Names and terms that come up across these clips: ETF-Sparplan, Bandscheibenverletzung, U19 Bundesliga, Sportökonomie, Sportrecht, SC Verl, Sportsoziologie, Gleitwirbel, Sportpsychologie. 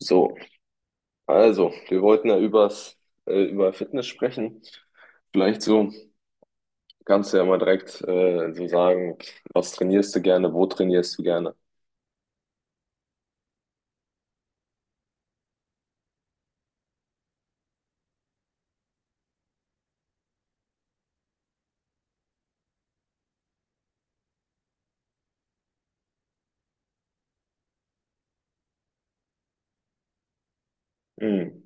So, wir wollten ja über Fitness sprechen. Vielleicht so, kannst du ja mal direkt so sagen, was trainierst du gerne, wo trainierst du gerne? Hm.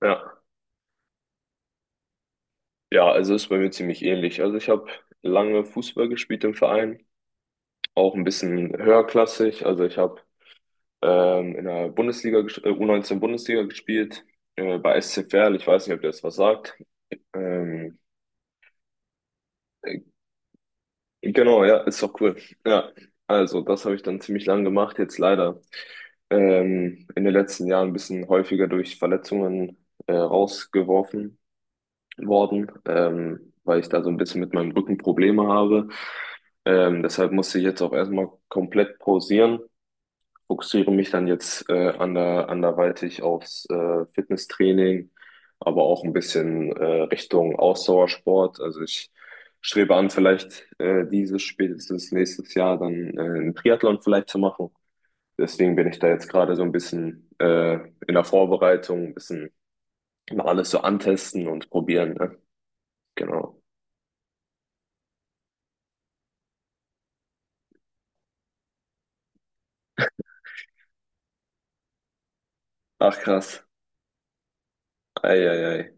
Ja. Ja, also ist bei mir ziemlich ähnlich. Also ich habe lange Fußball gespielt im Verein, auch ein bisschen höherklassig. Also ich habe in der U19 Bundesliga gespielt, bei SC Verl. Ich weiß nicht, ob dir das was sagt. Ähm, Genau, ja, ist doch cool. Ja, also das habe ich dann ziemlich lang gemacht, jetzt leider in den letzten Jahren ein bisschen häufiger durch Verletzungen rausgeworfen worden, weil ich da so ein bisschen mit meinem Rücken Probleme habe. Deshalb musste ich jetzt auch erstmal komplett pausieren, fokussiere mich dann jetzt anderweitig aufs Fitnesstraining, aber auch ein bisschen Richtung Ausdauersport. Also ich strebe an, vielleicht dieses, spätestens nächstes Jahr, dann einen Triathlon vielleicht zu machen. Deswegen bin ich da jetzt gerade so ein bisschen in der Vorbereitung, ein bisschen mal alles so antesten und probieren. Ne? Genau. Ach krass. Ei, ei, ei.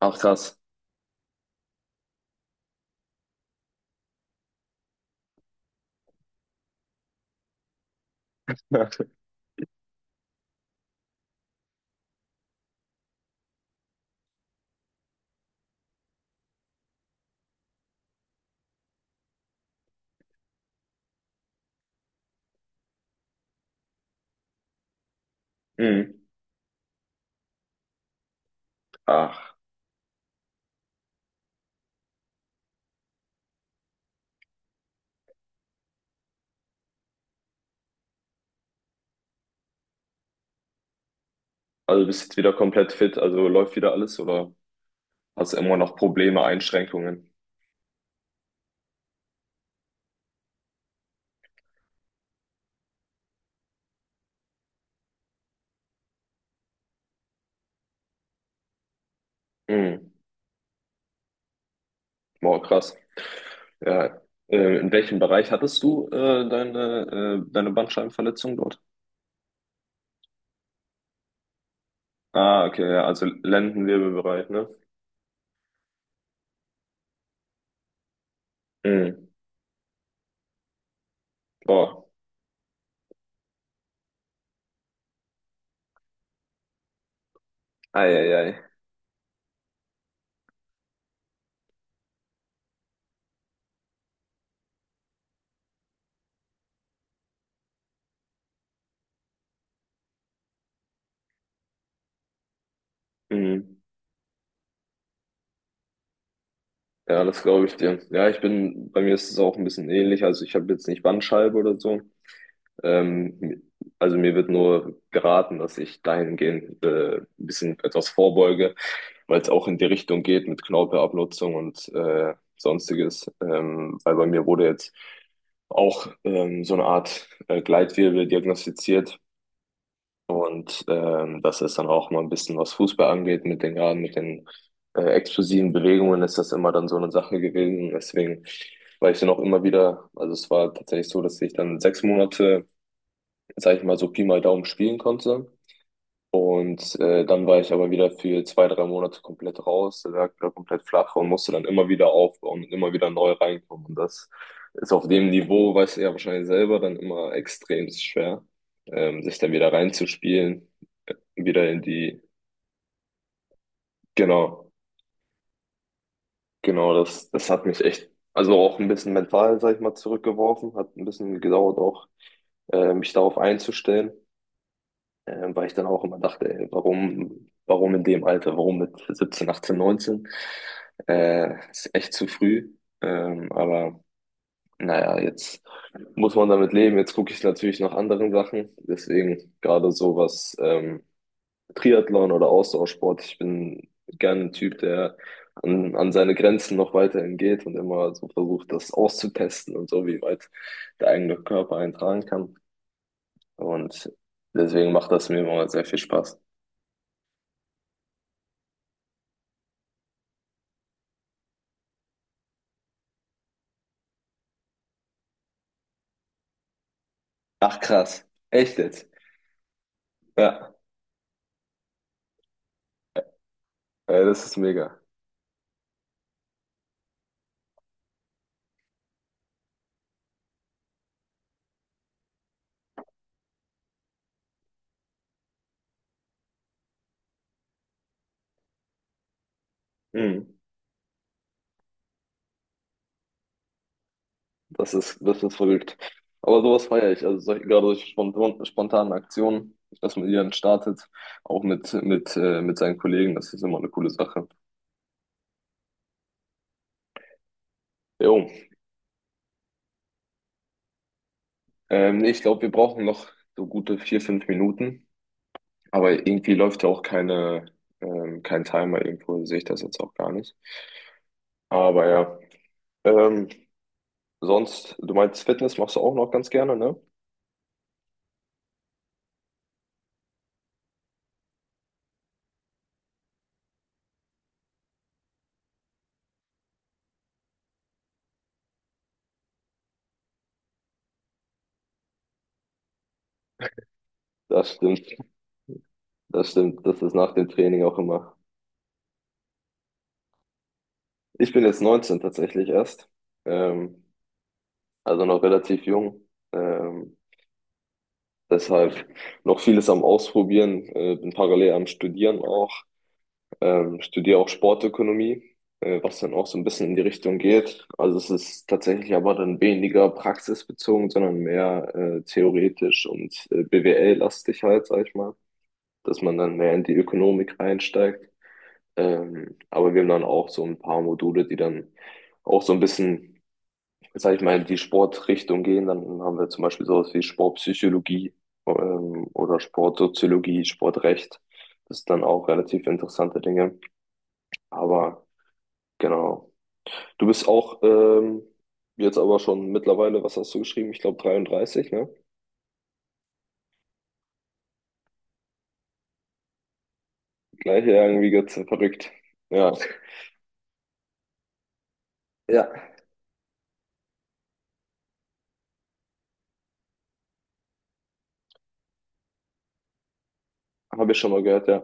Ach krass. Mhm. Ach, also bist jetzt wieder komplett fit, also läuft wieder alles, oder? Hast immer noch Probleme, Einschränkungen. Hm. Wow, krass. Ja. In welchem Bereich hattest du deine Bandscheibenverletzung dort? Ah, okay, ja, also Lendenwirbelbereich, ne? Mhm. Boah, eieiei. Mhm. Ja, das glaube ich dir. Ja, bei mir ist es auch ein bisschen ähnlich. Also ich habe jetzt nicht Bandscheibe oder so. Ähm, also mir wird nur geraten, dass ich dahingehend ein bisschen etwas vorbeuge, weil es auch in die Richtung geht mit Knorpelabnutzung und Sonstiges. Weil bei mir wurde jetzt auch so eine Art Gleitwirbel diagnostiziert. Und das ist dann auch mal ein bisschen, was Fußball angeht, mit den gerade mit den explosiven Bewegungen ist das immer dann so eine Sache gewesen. Deswegen war ich dann auch immer wieder, also es war tatsächlich so, dass ich dann 6 Monate, sag ich mal, so Pi mal Daumen spielen konnte. Und dann war ich aber wieder für 2, 3 Monate komplett raus, lag da komplett flach und musste dann immer wieder aufbauen und immer wieder neu reinkommen. Und das ist auf dem Niveau, weißt du ja wahrscheinlich selber, dann immer extrem schwer, sich dann wieder reinzuspielen, äh, wieder in die, genau, das hat mich echt, also auch ein bisschen mental, sag ich mal, zurückgeworfen, hat ein bisschen gedauert auch, mich darauf einzustellen. Weil ich dann auch immer dachte, ey, warum in dem Alter, warum mit 17, 18, 19. Ist echt zu früh. Aber naja, jetzt muss man damit leben. Jetzt gucke ich natürlich nach anderen Sachen. Deswegen gerade sowas, ähm, Triathlon oder Ausdauersport. Ich bin gerne ein Typ, der an seine Grenzen noch weiterhin geht und immer so versucht, das auszutesten und so, wie weit der eigene Körper einen kann. Und deswegen macht das mir immer sehr viel Spaß. Ach krass. Echt jetzt? Ja. Ey, das ist mega. Mhm. Das ist verrückt. Aber sowas feiere ich. Also solche spontanen Aktionen, dass man die dann startet, auch mit seinen Kollegen, das ist immer eine coole Sache. Jo. Nee, ich glaube, wir brauchen noch so gute 4, 5 Minuten. Aber irgendwie läuft ja auch keine, kein Timer irgendwo, sehe ich das jetzt auch gar nicht. Aber ja. Ähm, sonst, du meinst Fitness machst du auch noch ganz gerne, ne? Das stimmt. Das stimmt, das ist nach dem Training auch immer. Ich bin jetzt 19 tatsächlich erst, ähm, also noch relativ jung. Ähm, deshalb noch vieles am Ausprobieren, bin parallel am Studieren auch, studiere auch Sportökonomie, was dann auch so ein bisschen in die Richtung geht. Also es ist tatsächlich aber dann weniger praxisbezogen, sondern mehr theoretisch und BWL-lastig halt, sag ich mal, dass man dann mehr in die Ökonomik einsteigt. Aber wir haben dann auch so ein paar Module, die dann auch so ein bisschen, sag ich mal, in die Sportrichtung gehen. Dann haben wir zum Beispiel sowas wie Sportpsychologie, oder Sportsoziologie, Sportrecht. Das sind dann auch relativ interessante Dinge. Aber genau. Du bist auch jetzt aber schon mittlerweile, was hast du geschrieben? Ich glaube 33, ne? Gleich ja irgendwie ganz verrückt. Ja, ja, habe ich schon mal gehört, ja.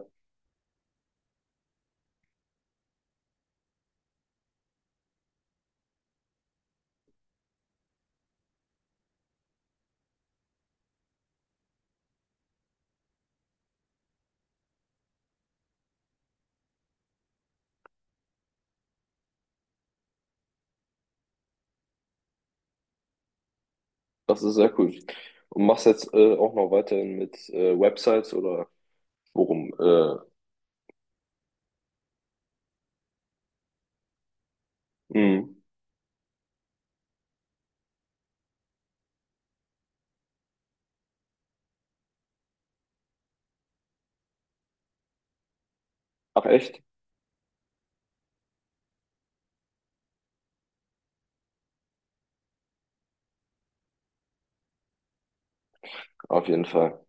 Das ist sehr cool. Und machst jetzt auch noch weiterhin mit Websites oder Bochum, mh. Ach echt? Auf jeden Fall.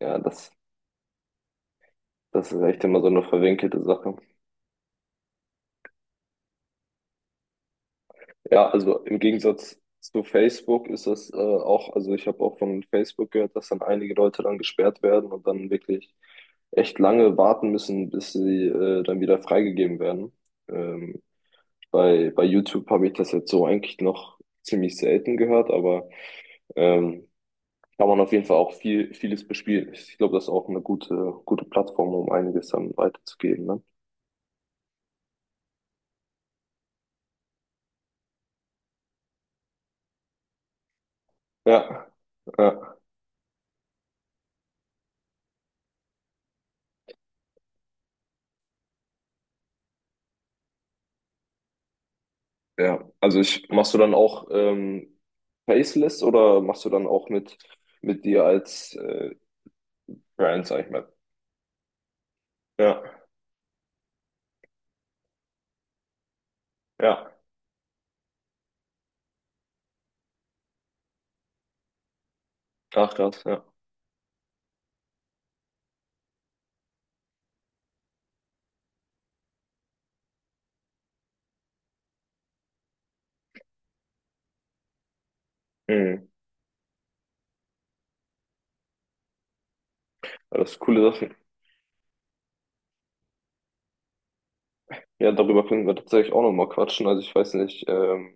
Ja, das ist echt immer so eine verwinkelte Sache. Ja, also im Gegensatz zu Facebook ist das auch, also ich habe auch von Facebook gehört, dass dann einige Leute dann gesperrt werden und dann wirklich echt lange warten müssen, bis sie dann wieder freigegeben werden. Ähm, bei YouTube habe ich das jetzt so eigentlich noch ziemlich selten gehört, aber ähm, kann man auf jeden Fall auch vieles bespielen. Ich glaube, das ist auch eine gute Plattform, um einiges dann weiterzugeben, ne? Ja, ja, ja. Also ich, machst du dann auch Faceless oder machst du dann auch mit, dir als Brand, sag ich mal? Ja, ja. Ach, krass, ja. Mhm. Ja, das ist coole Sache. Ja, darüber können wir tatsächlich auch nochmal quatschen. Also ich weiß nicht,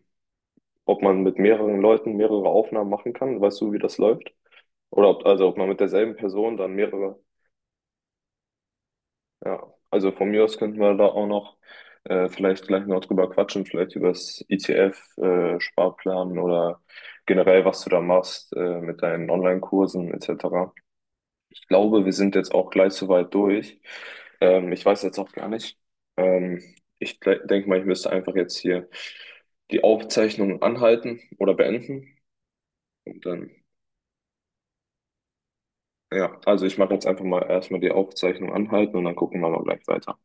ob man mit mehreren Leuten mehrere Aufnahmen machen kann. Weißt du, wie das läuft? Oder ob, also ob man mit derselben Person dann mehrere. Ja, also von mir aus könnten wir da auch noch vielleicht gleich noch drüber quatschen, vielleicht über das ETF-Sparplan oder generell, was du da machst mit deinen Online-Kursen etc. Ich glaube, wir sind jetzt auch gleich soweit durch. Ich weiß jetzt auch gar nicht. Ähm, ich denke mal, ich müsste einfach jetzt hier die Aufzeichnung anhalten oder beenden. Und dann, ja, also ich mache jetzt einfach mal erstmal die Aufzeichnung anhalten und dann gucken wir mal gleich weiter.